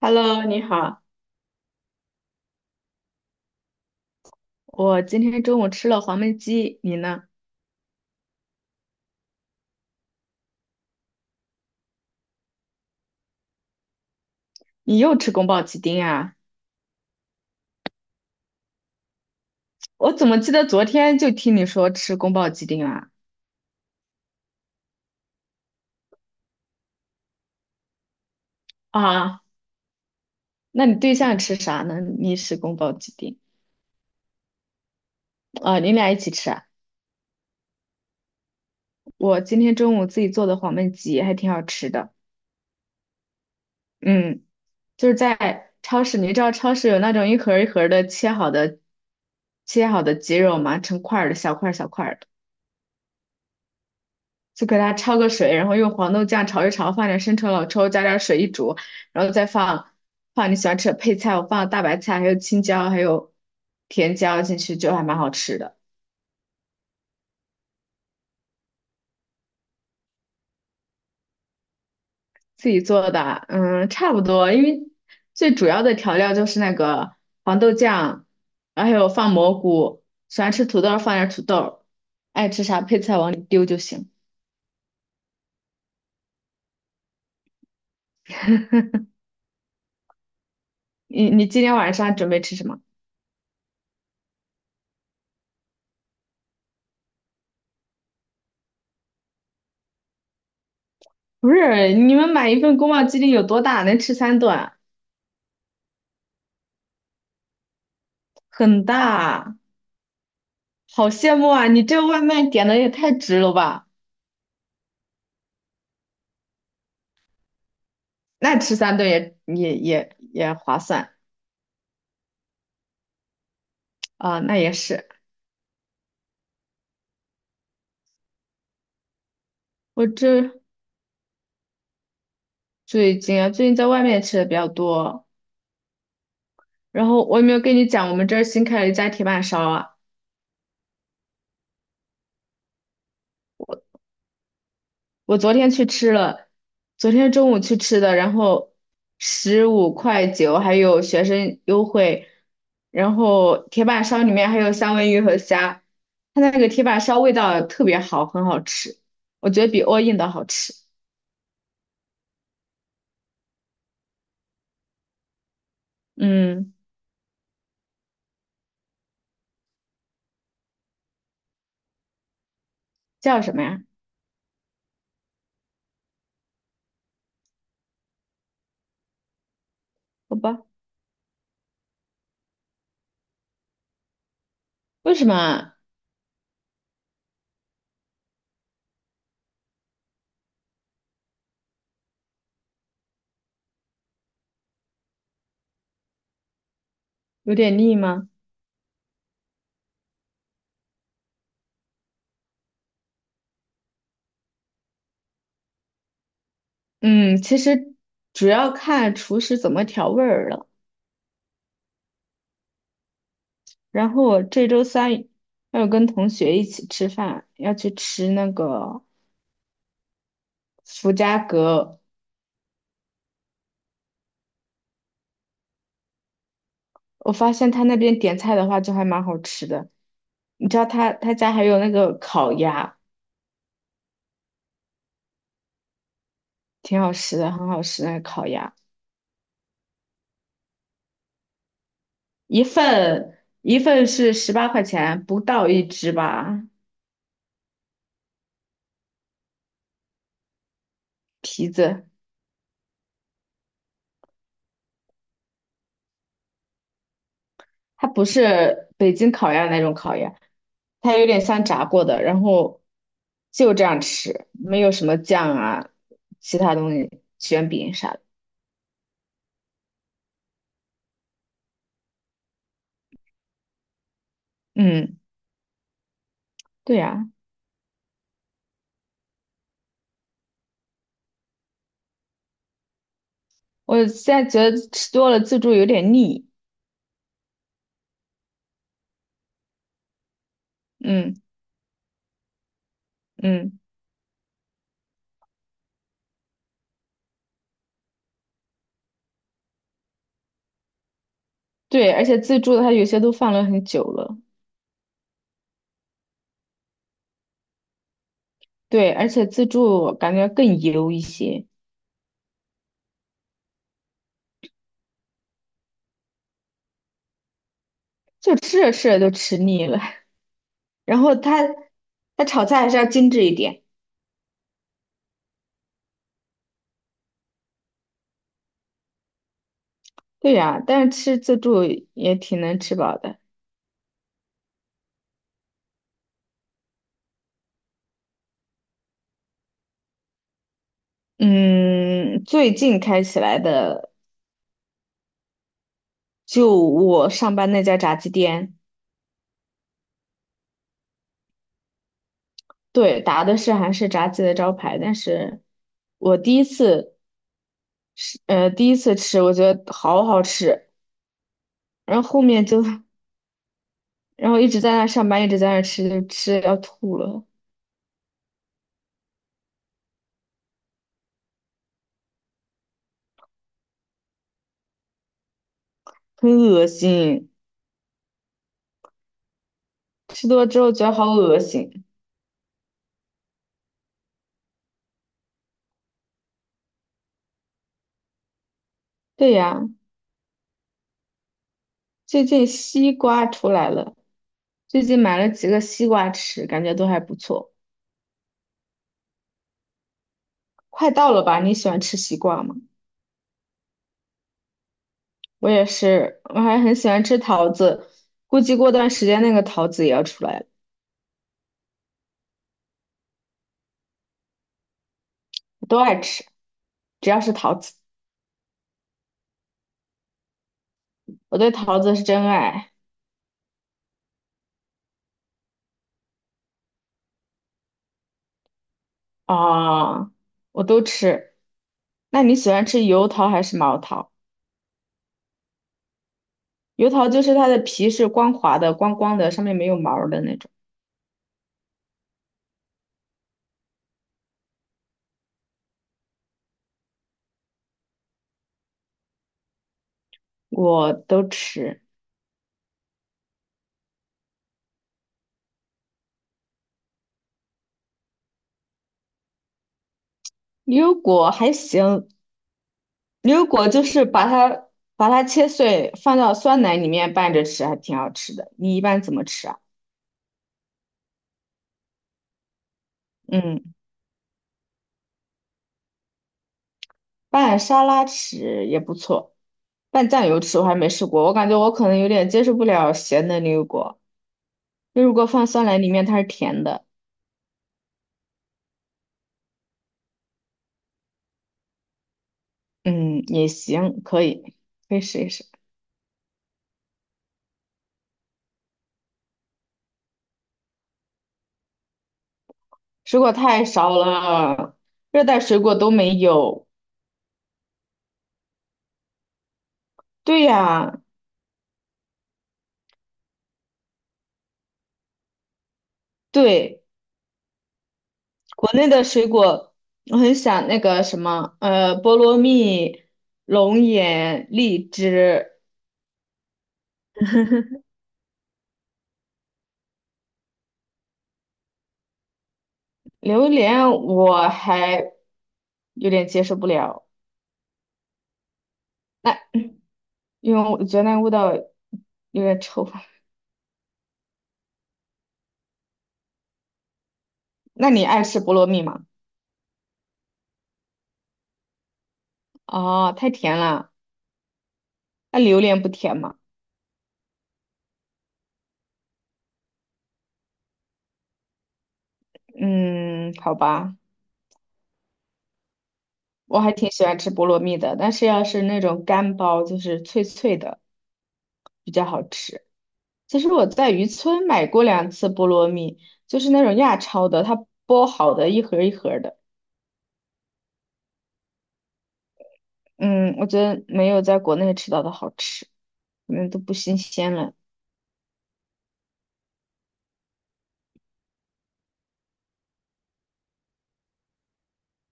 Hello，你好，我今天中午吃了黄焖鸡，你呢？你又吃宫保鸡丁啊？我怎么记得昨天就听你说吃宫保鸡丁啊？啊，那你对象吃啥呢？你吃宫保鸡丁啊？你俩一起吃啊？我今天中午自己做的黄焖鸡还挺好吃的，嗯，就是在超市，你知道超市有那种一盒儿一盒儿的切好的鸡肉吗？成块儿的小块儿小块儿的。就给它焯个水，然后用黄豆酱炒一炒，放点生抽、老抽，加点水一煮，然后再放你喜欢吃的配菜，我放大白菜，还有青椒，还有甜椒进去，就还蛮好吃的。自己做的，嗯，差不多，因为最主要的调料就是那个黄豆酱，然后还有放蘑菇，喜欢吃土豆放点土豆，爱吃啥配菜往里丢就行。你今天晚上准备吃什么？不是，你们买一份宫保鸡丁有多大？能吃三顿啊，很大。好羡慕啊！你这个外卖点的也太值了吧？那吃三顿也划算啊，那也是。我这最近啊，最近在外面吃的比较多。然后我有没有跟你讲，我们这儿新开了一家铁板烧啊？我昨天去吃了，昨天中午去吃的，然后15块9，还有学生优惠。然后铁板烧里面还有三文鱼和虾，它那个铁板烧味道特别好，很好吃，我觉得比 all in 的好吃。嗯，叫什么呀？好吧，为什么有点腻吗？嗯，其实主要看厨师怎么调味儿了。然后我这周三要跟同学一起吃饭，要去吃那个福家阁。我发现他那边点菜的话就还蛮好吃的。你知道他家还有那个烤鸭，挺好吃的，很好吃那个烤鸭，一份是18块钱，不到一只吧，皮子。它不是北京烤鸭那种烤鸭，它有点像炸过的，然后就这样吃，没有什么酱啊，其他东西，卷饼啥的。嗯，对呀，我现在觉得吃多了自助有点腻。嗯嗯，对，而且自助它有些都放了很久了，对，而且自助我感觉更油一些，就吃着吃着就吃腻了。然后它炒菜还是要精致一点，对呀，但是吃自助也挺能吃饱的。嗯，最近开起来的，就我上班那家炸鸡店，对，打的是韩式炸鸡的招牌，但是我第一次吃，我觉得好好吃，然后后面就，然后一直在那上班，一直在那吃，就吃得要吐了，很恶心，吃多了之后觉得好恶心。对呀，最近西瓜出来了，最近买了几个西瓜吃，感觉都还不错。快到了吧？你喜欢吃西瓜吗？我也是，我还很喜欢吃桃子，估计过段时间那个桃子也要出来了，我都爱吃，只要是桃子，我对桃子是真爱啊，我都吃。那你喜欢吃油桃还是毛桃？油桃就是它的皮是光滑的、光光的，上面没有毛儿的那种，我都吃。牛油果还行，牛油果就是把它切碎，放到酸奶里面拌着吃，还挺好吃的。你一般怎么吃啊？嗯。拌沙拉吃也不错，拌酱油吃我还没试过，我感觉我可能有点接受不了咸的牛油果。牛油果放酸奶里面它是甜的，嗯，也行，可以，可以试一试。水果太少了，热带水果都没有。对呀，对，国内的水果我很想那个什么，菠萝蜜、龙眼、荔枝、榴莲，我还有点接受不了。那因为我觉得那个味道有点臭。那你爱吃菠萝蜜吗？哦，太甜了。那榴莲不甜吗？嗯，好吧，我还挺喜欢吃菠萝蜜的，但是要是那种干包，就是脆脆的，比较好吃。其实我在渔村买过2次菠萝蜜，就是那种亚超的，它剥好的一盒儿一盒儿的。嗯，我觉得没有在国内吃到的好吃，可能都不新鲜了。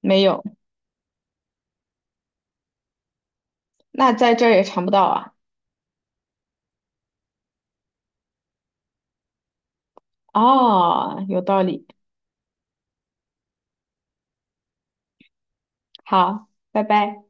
没有，那在这儿也尝不到啊。哦，有道理。好，拜拜。